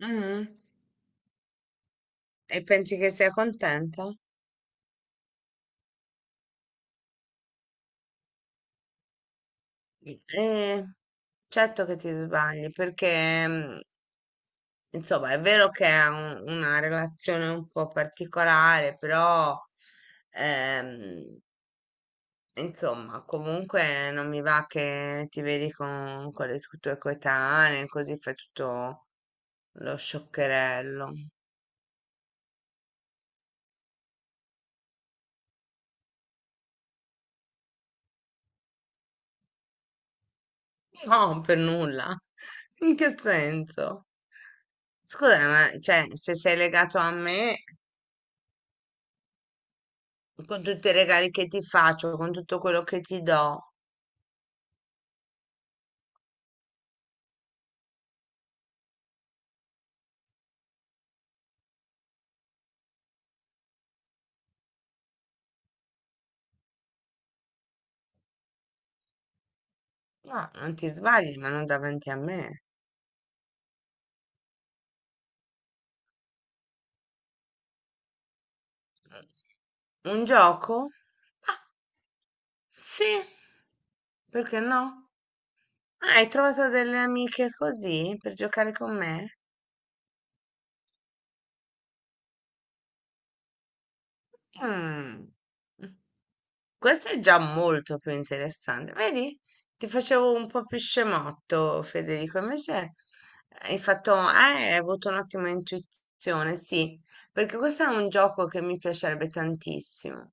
Mm. E pensi che sia contenta? Eh, certo che ti sbagli, perché insomma è vero che è una relazione un po' particolare, però ehm, insomma comunque non mi va che ti vedi con le tue coetanee, così fai tutto lo scioccherello. No, per nulla. In che senso? Scusa, ma cioè, se sei legato a me, con tutti i regali che ti faccio, con tutto quello che ti do. No, non ti sbagli, ma non davanti a me. Un gioco? Ah, sì, perché no? Ah, hai trovato delle amiche così per giocare con me? Mm, questo è già molto più interessante. Vedi? Ti facevo un po' più scemotto, Federico. Invece hai fatto, hai avuto un'ottima intuizione, sì, perché questo è un gioco che mi piacerebbe tantissimo,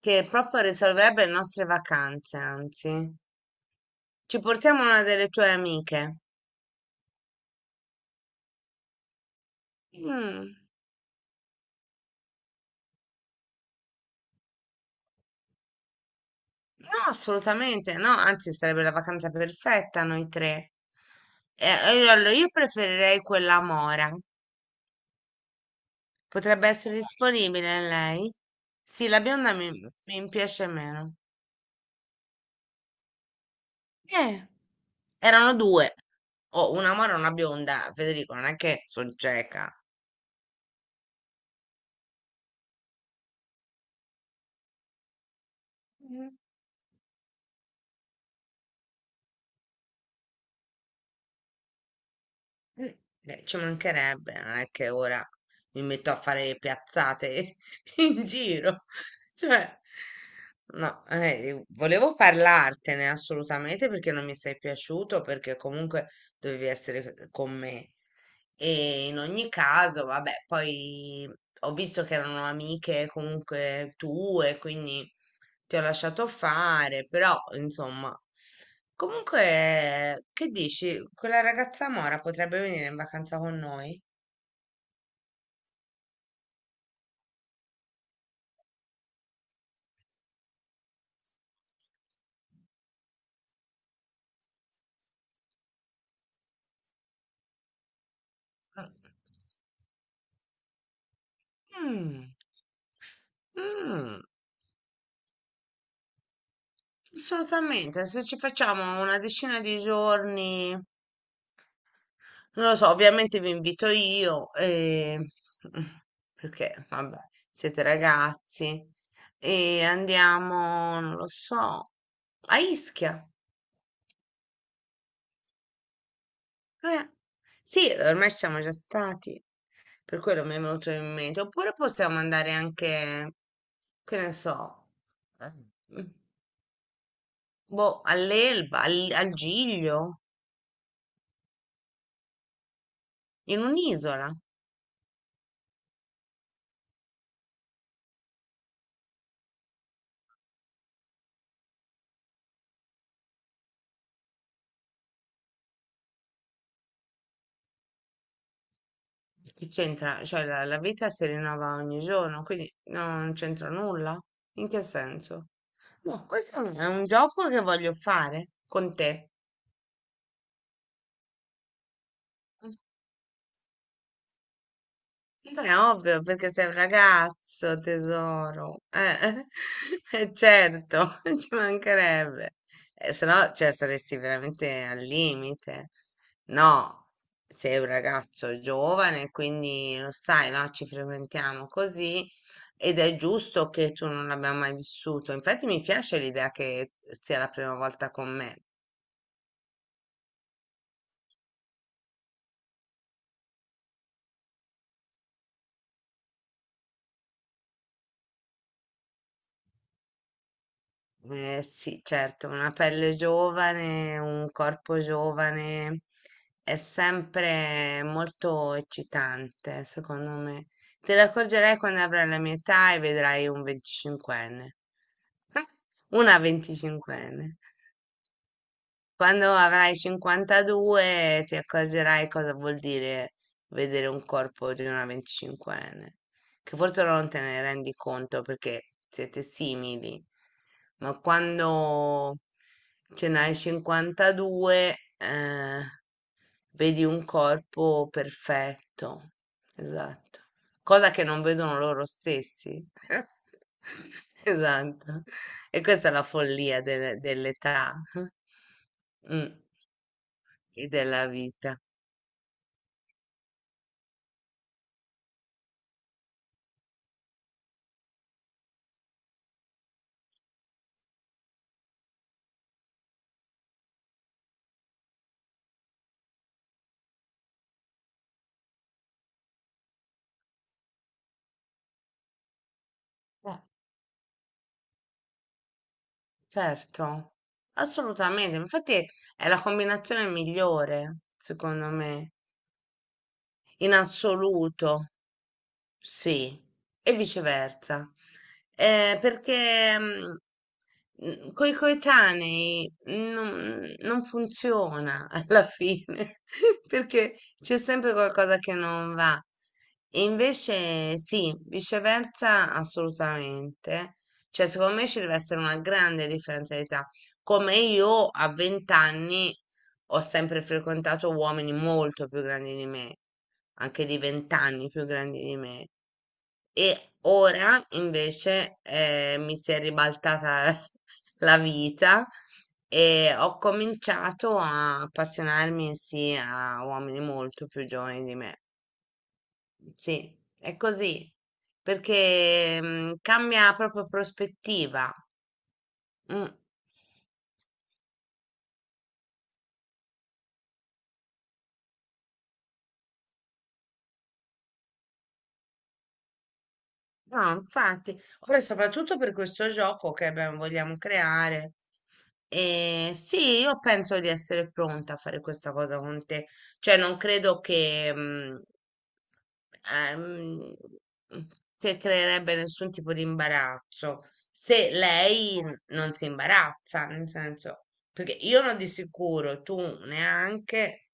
che proprio risolverebbe le nostre vacanze, anzi. Ci portiamo una delle tue amiche. Mm, no, assolutamente no, anzi sarebbe la vacanza perfetta noi tre. Allora, io preferirei quella Mora. Potrebbe essere disponibile lei? Sì, la bionda mi piace meno. Eh, Erano due, o una Mora e una bionda, Federico, non è che sono cieca. Mm, ci mancherebbe, non è che ora mi metto a fare le piazzate in giro. Cioè, no, volevo parlartene assolutamente perché non mi sei piaciuto, perché comunque dovevi essere con me. E in ogni caso, vabbè, poi ho visto che erano amiche comunque tue, quindi ti ho lasciato fare, però insomma. Comunque, che dici? Quella ragazza Mora potrebbe venire in vacanza con noi? Mm, mm, assolutamente. Se ci facciamo una decina di giorni, non lo so, ovviamente vi invito io, e... perché vabbè, siete ragazzi, e andiamo, non lo so, a Ischia. Eh, sì, ormai ci siamo già stati, per quello mi è venuto in mente. Oppure possiamo andare anche, che ne so, eh, mm, boh, all'Elba, al Giglio, in un'isola. Che c'entra? Cioè, la vita si rinnova ogni giorno, quindi no, non c'entra nulla. In che senso? No, questo è un gioco che voglio fare con te. È ovvio, perché sei un ragazzo, tesoro. Certo, ci mancherebbe. Se no, cioè, saresti veramente al limite. No, sei un ragazzo giovane, quindi lo sai, no? Ci frequentiamo così ed è giusto che tu non l'abbia mai vissuto. Infatti mi piace l'idea che sia la prima volta con me. Eh sì, certo, una pelle giovane, un corpo giovane è sempre molto eccitante, secondo me. Te ne accorgerai quando avrai la mia età e vedrai un 25enne. Una 25enne. Quando avrai 52 ti accorgerai cosa vuol dire vedere un corpo di una 25enne, che forse non te ne rendi conto perché siete simili, ma quando ce n'hai 52, vedi un corpo perfetto, esatto, cosa che non vedono loro stessi. Esatto. E questa è la follia dell'età. Mm, e della vita. Eh, certo, assolutamente. Infatti è la combinazione migliore, secondo me, in assoluto, sì, e viceversa. Perché coi coetanei non funziona alla fine, perché c'è sempre qualcosa che non va. E invece sì, viceversa assolutamente. Cioè, secondo me ci deve essere una grande differenza di età. Come io a 20 anni ho sempre frequentato uomini molto più grandi di me, anche di 20 anni più grandi di me. E ora invece mi si è ribaltata la vita e ho cominciato a appassionarmi sì a uomini molto più giovani di me. Sì, è così, perché cambia proprio prospettiva. Mm. No, infatti, poi soprattutto per questo gioco che vogliamo creare. E sì, io penso di essere pronta a fare questa cosa con te. Cioè, non credo che, ehm, che creerebbe nessun tipo di imbarazzo se lei non si imbarazza, nel senso, perché io non di sicuro, tu neanche.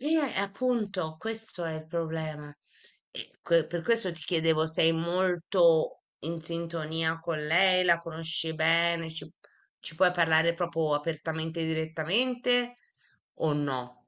Appunto, questo è il problema. E per questo ti chiedevo, sei molto in sintonia con lei, la conosci bene, ci puoi parlare proprio apertamente e direttamente o no?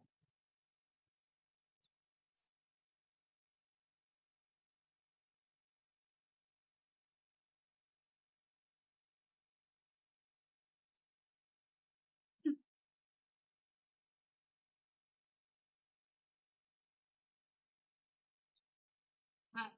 Eh,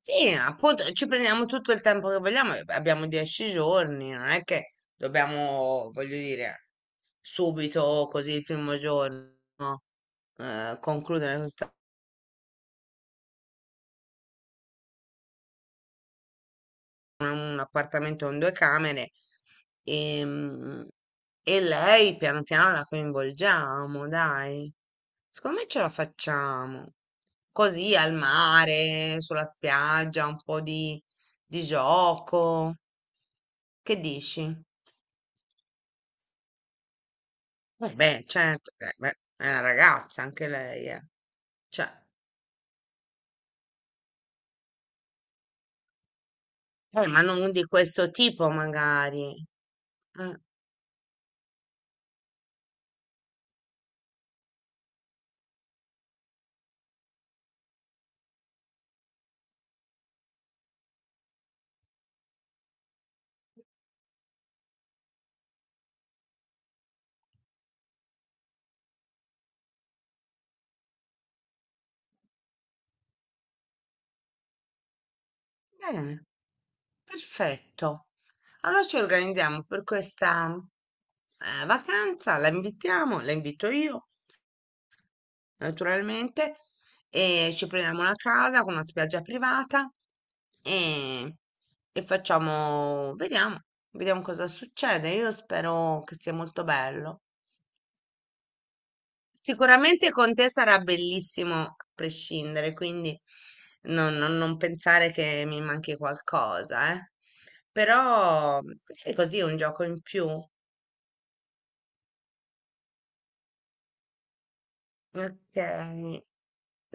sì, appunto, ci prendiamo tutto il tempo che vogliamo, abbiamo 10 giorni, non è che dobbiamo, voglio dire, subito, così il primo giorno, concludere questa. Un appartamento con 2 camere e, mm, e lei piano piano la coinvolgiamo, dai. Secondo me ce la facciamo. Così al mare, sulla spiaggia, un po' di gioco. Che dici? Vabbè, certo, beh, è una ragazza anche lei, eh. Cioè, ma non di questo tipo magari. Eh, bene, perfetto. Allora ci organizziamo per questa vacanza, la invitiamo, la invito io, naturalmente, e ci prendiamo una casa con una spiaggia privata e, e facciamo, vediamo, vediamo cosa succede. Io spero che sia molto bello. Sicuramente con te sarà bellissimo a prescindere, quindi non, non pensare che mi manchi qualcosa, eh. Però è così un gioco in più. Okay.